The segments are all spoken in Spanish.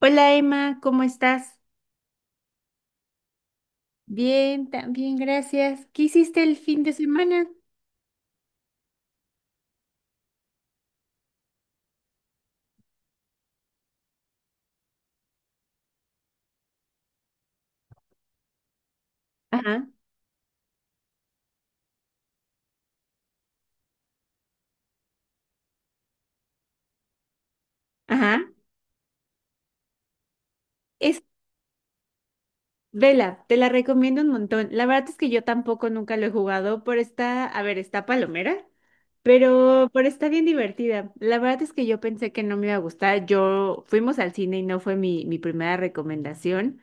Hola Emma, ¿cómo estás? Bien, también, gracias. ¿Qué hiciste el fin de semana? Ajá, ajá. Es vela, te la recomiendo un montón. La verdad es que yo tampoco nunca lo he jugado, pero está, a ver, está palomera, pero está bien divertida. La verdad es que yo pensé que no me iba a gustar. Yo fuimos al cine y no fue mi primera recomendación,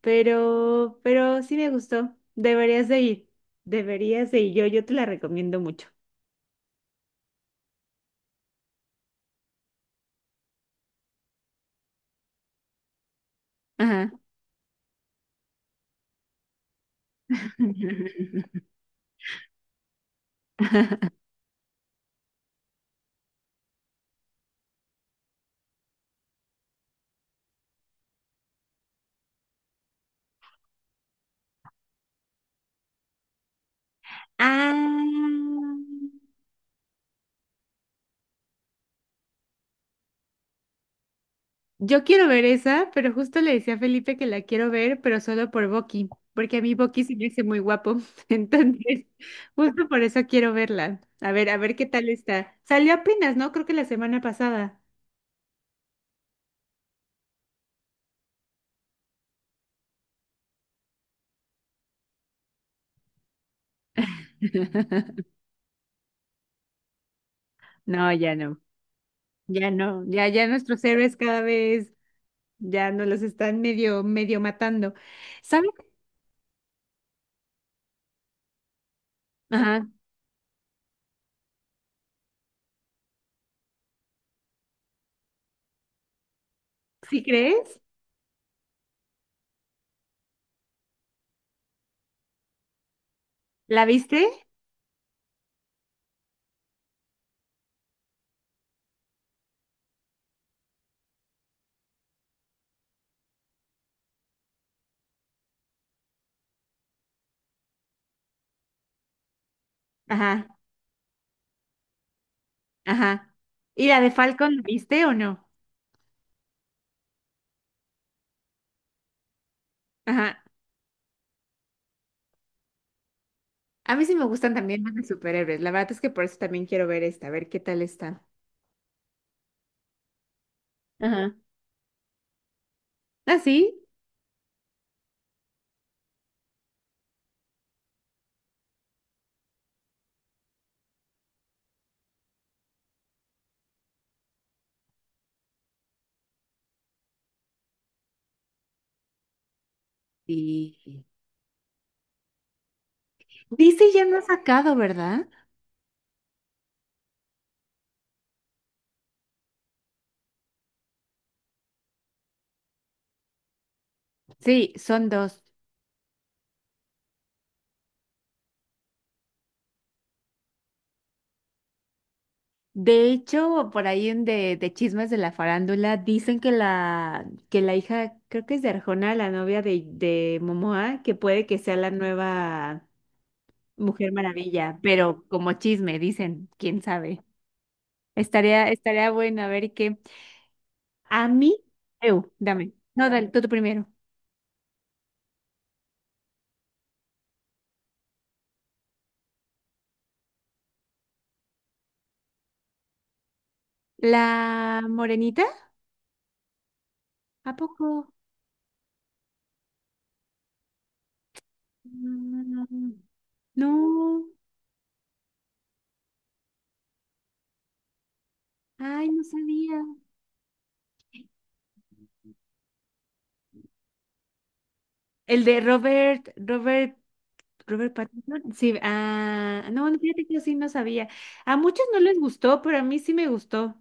pero sí me gustó. Deberías de ir, deberías de ir. Yo te la recomiendo mucho. Ajá. Ah, yo quiero ver esa, pero justo le decía a Felipe que la quiero ver, pero solo por Bucky, porque a mí Bucky se me hace muy guapo. Entonces, justo por eso quiero verla. A ver qué tal está. Salió apenas, ¿no? Creo que la semana pasada. No, ya no, ya no, ya, ya nuestros héroes cada vez ya nos los están medio, medio matando. ¿Sabes? Ajá, ¿sí crees? ¿La viste? Ajá, ajá. ¿Y la de Falcon, la viste o no? Ajá. A mí sí me gustan también los de superhéroes. La verdad es que por eso también quiero ver esta, a ver qué tal está. Ajá. ¿Ah, sí? Sí. Dice ya no ha sacado, ¿verdad? Sí, son dos. De hecho, por ahí en de chismes de la farándula, dicen que la hija, creo que es de Arjona, la novia de Momoa, que puede que sea la nueva Mujer Maravilla, pero como chisme, dicen, quién sabe. Estaría bueno a ver qué. A mí, Eu, dame. No, dale, tú primero. ¿La morenita? ¿A poco? Mm, no, ay, no sabía. El de Robert Pattinson. Sí, ah, no, no, fíjate que yo sí no sabía. A muchos no les gustó, pero a mí sí me gustó.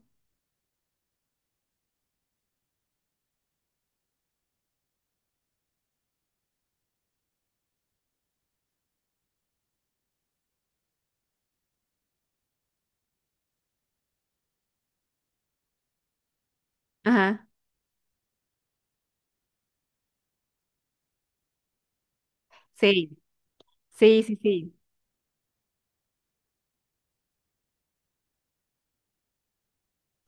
Ajá, sí, sí, sí, sí.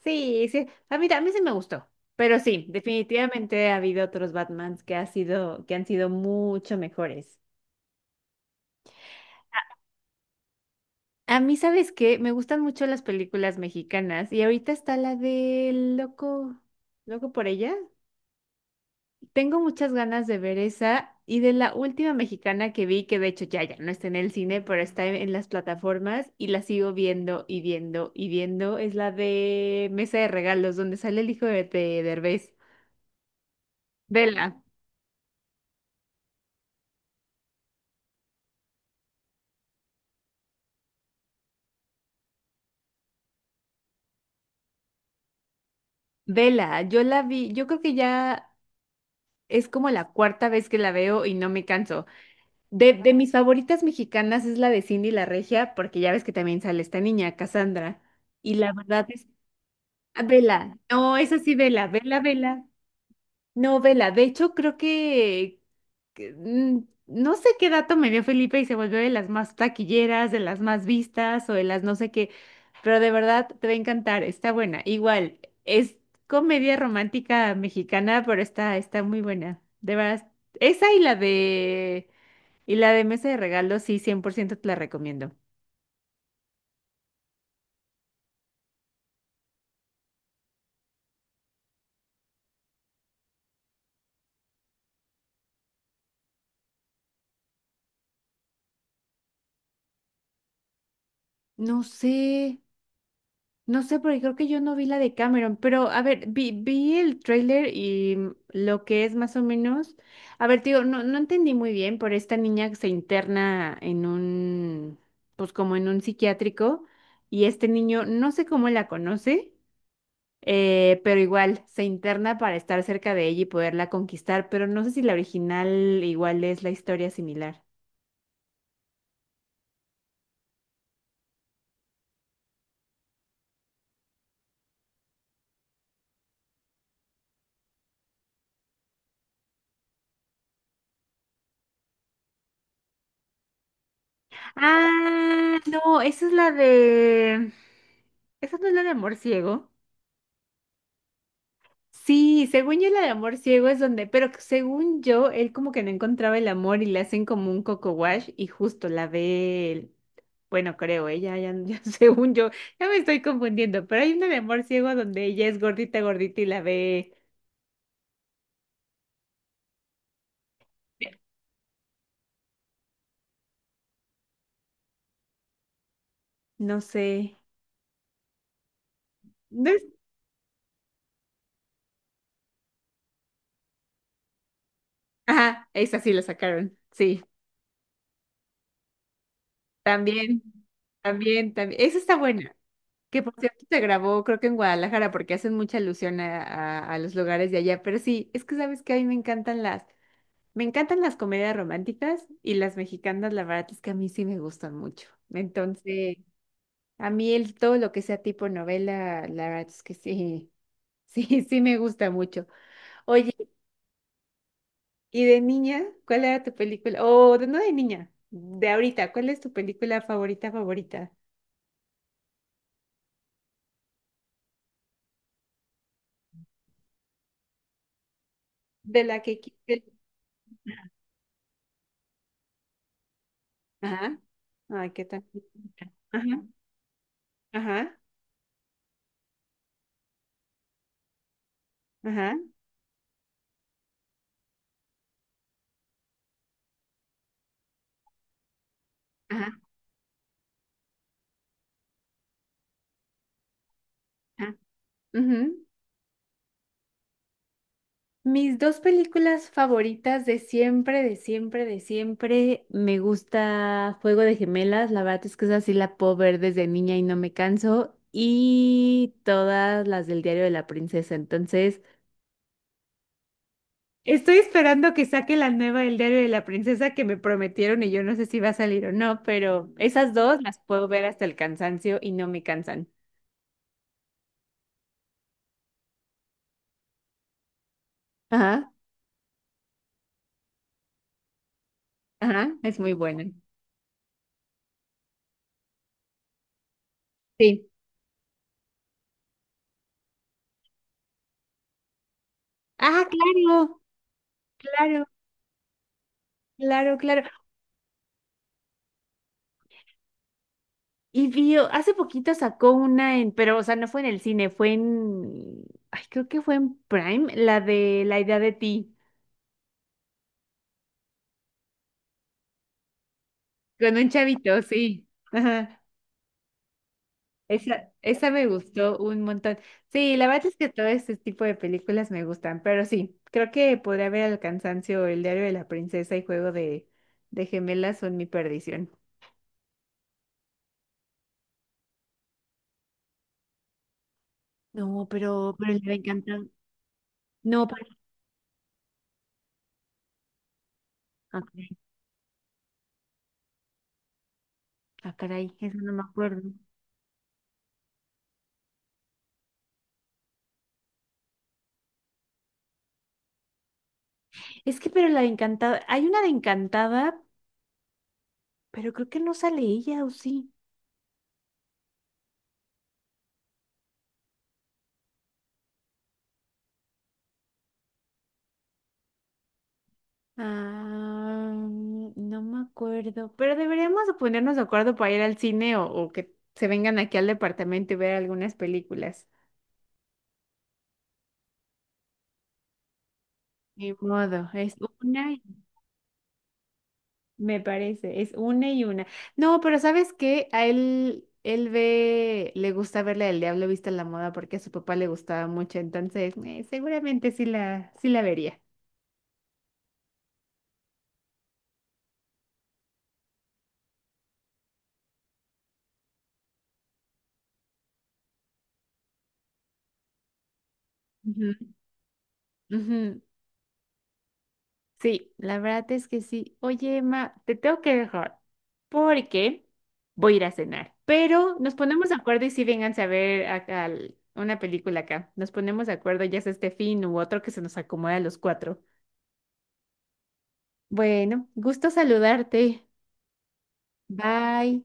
Sí, sí, a mí sí me gustó. Pero sí, definitivamente ha habido otros Batmans que ha sido, que han sido mucho mejores. A mí, ¿sabes qué? Me gustan mucho las películas mexicanas y ahorita está la del Loco, Loco por ella. Tengo muchas ganas de ver esa y de la última mexicana que vi, que de hecho ya, ya no está en el cine, pero está en las plataformas y la sigo viendo y viendo y viendo, es la de Mesa de Regalos, donde sale el hijo de Derbez. Vela. Vela, yo la vi, yo creo que ya es como la cuarta vez que la veo y no me canso. De mis favoritas mexicanas es la de Cindy la Regia, porque ya ves que también sale esta niña, Cassandra. Y la verdad es, ah, vela, no, es así, vela, vela, vela. No, vela, de hecho creo que mm, no sé qué dato me dio Felipe y se volvió de las más taquilleras, de las más vistas o de las no sé qué, pero de verdad te va a encantar, está buena. Igual, es comedia romántica mexicana, pero está, está muy buena. De verdad, esa y la de... Y la de mesa de regalos, sí, 100% te la recomiendo. No sé, no sé, porque creo que yo no vi la de Cameron, pero a ver, vi el tráiler y mm, lo que es más o menos, a ver, tío, no, no entendí muy bien, por esta niña que se interna en un, pues como en un psiquiátrico, y este niño, no sé cómo la conoce, pero igual, se interna para estar cerca de ella y poderla conquistar, pero no sé si la original igual es la historia similar. Ah, no, esa es la de... ¿Esa no es la de amor ciego? Sí, según yo la de amor ciego es donde, pero que según yo, él como que no encontraba el amor y le hacen como un coco wash y justo la ve él. Bueno, creo, ella, ya, ya, según yo, ya me estoy confundiendo, pero hay una de amor ciego donde ella es gordita, gordita y la ve, no sé, ¿no es? Ajá, esa sí la sacaron, sí, también, también, también, esa está buena. Que por cierto se grabó, creo que en Guadalajara, porque hacen mucha alusión a los lugares de allá. Pero sí, es que sabes que a mí me encantan las comedias románticas y las mexicanas, la verdad es que a mí sí me gustan mucho. Entonces, a mí el todo lo que sea tipo novela, la verdad es que sí, sí, sí me gusta mucho. Oye, ¿y de niña? ¿Cuál era tu película? O de no de niña, de ahorita, ¿cuál es tu película favorita, favorita? De la que... qui- Ajá. Ay, qué tal. Ajá, ajá. Ajá. Ajá, ajá. Ujú. Mis dos películas favoritas de siempre, de siempre, de siempre. Me gusta Juego de Gemelas. La verdad es que esa sí la puedo ver desde niña y no me canso. Y todas las del Diario de la Princesa. Entonces, estoy esperando que saque la nueva del Diario de la Princesa que me prometieron y yo no sé si va a salir o no, pero esas dos las puedo ver hasta el cansancio y no me cansan. Ajá, ajá, es muy buena. Sí. Ah, claro, claro. Claro, claro. Y vio, hace poquito sacó una en, pero, o sea, no fue en el cine, fue en, ay, creo que fue en Prime, la de La idea de ti, con un chavito, sí. Ajá. Esa me gustó un montón. Sí, la verdad es que todo este tipo de películas me gustan, pero sí, creo que podría ver El cansancio, El diario de la princesa y Juego de gemelas son mi perdición. No, pero le va a encantar. No, pero, ah, caray, ah, caray, eso no me acuerdo. Es que, pero la de Encantada, hay una de Encantada, pero creo que no sale ella, ¿o sí? Ah, no me acuerdo, pero deberíamos de ponernos de acuerdo para ir al cine o que se vengan aquí al departamento y ver algunas películas. Ni modo, es una, y- me parece, es una y una. No, pero ¿sabes qué? A él, él ve, le gusta verla del Diablo Vista en la Moda porque a su papá le gustaba mucho, entonces seguramente sí la, sí la vería. Ujú, ujú. Sí, la verdad es que sí. Oye, Emma, te tengo que dejar porque voy a ir a cenar. Pero nos ponemos de acuerdo y si vengan a ver acá al- una película acá. Nos ponemos de acuerdo, ya sea este fin u otro que se nos acomode a los cuatro. Bueno, gusto saludarte. Bye.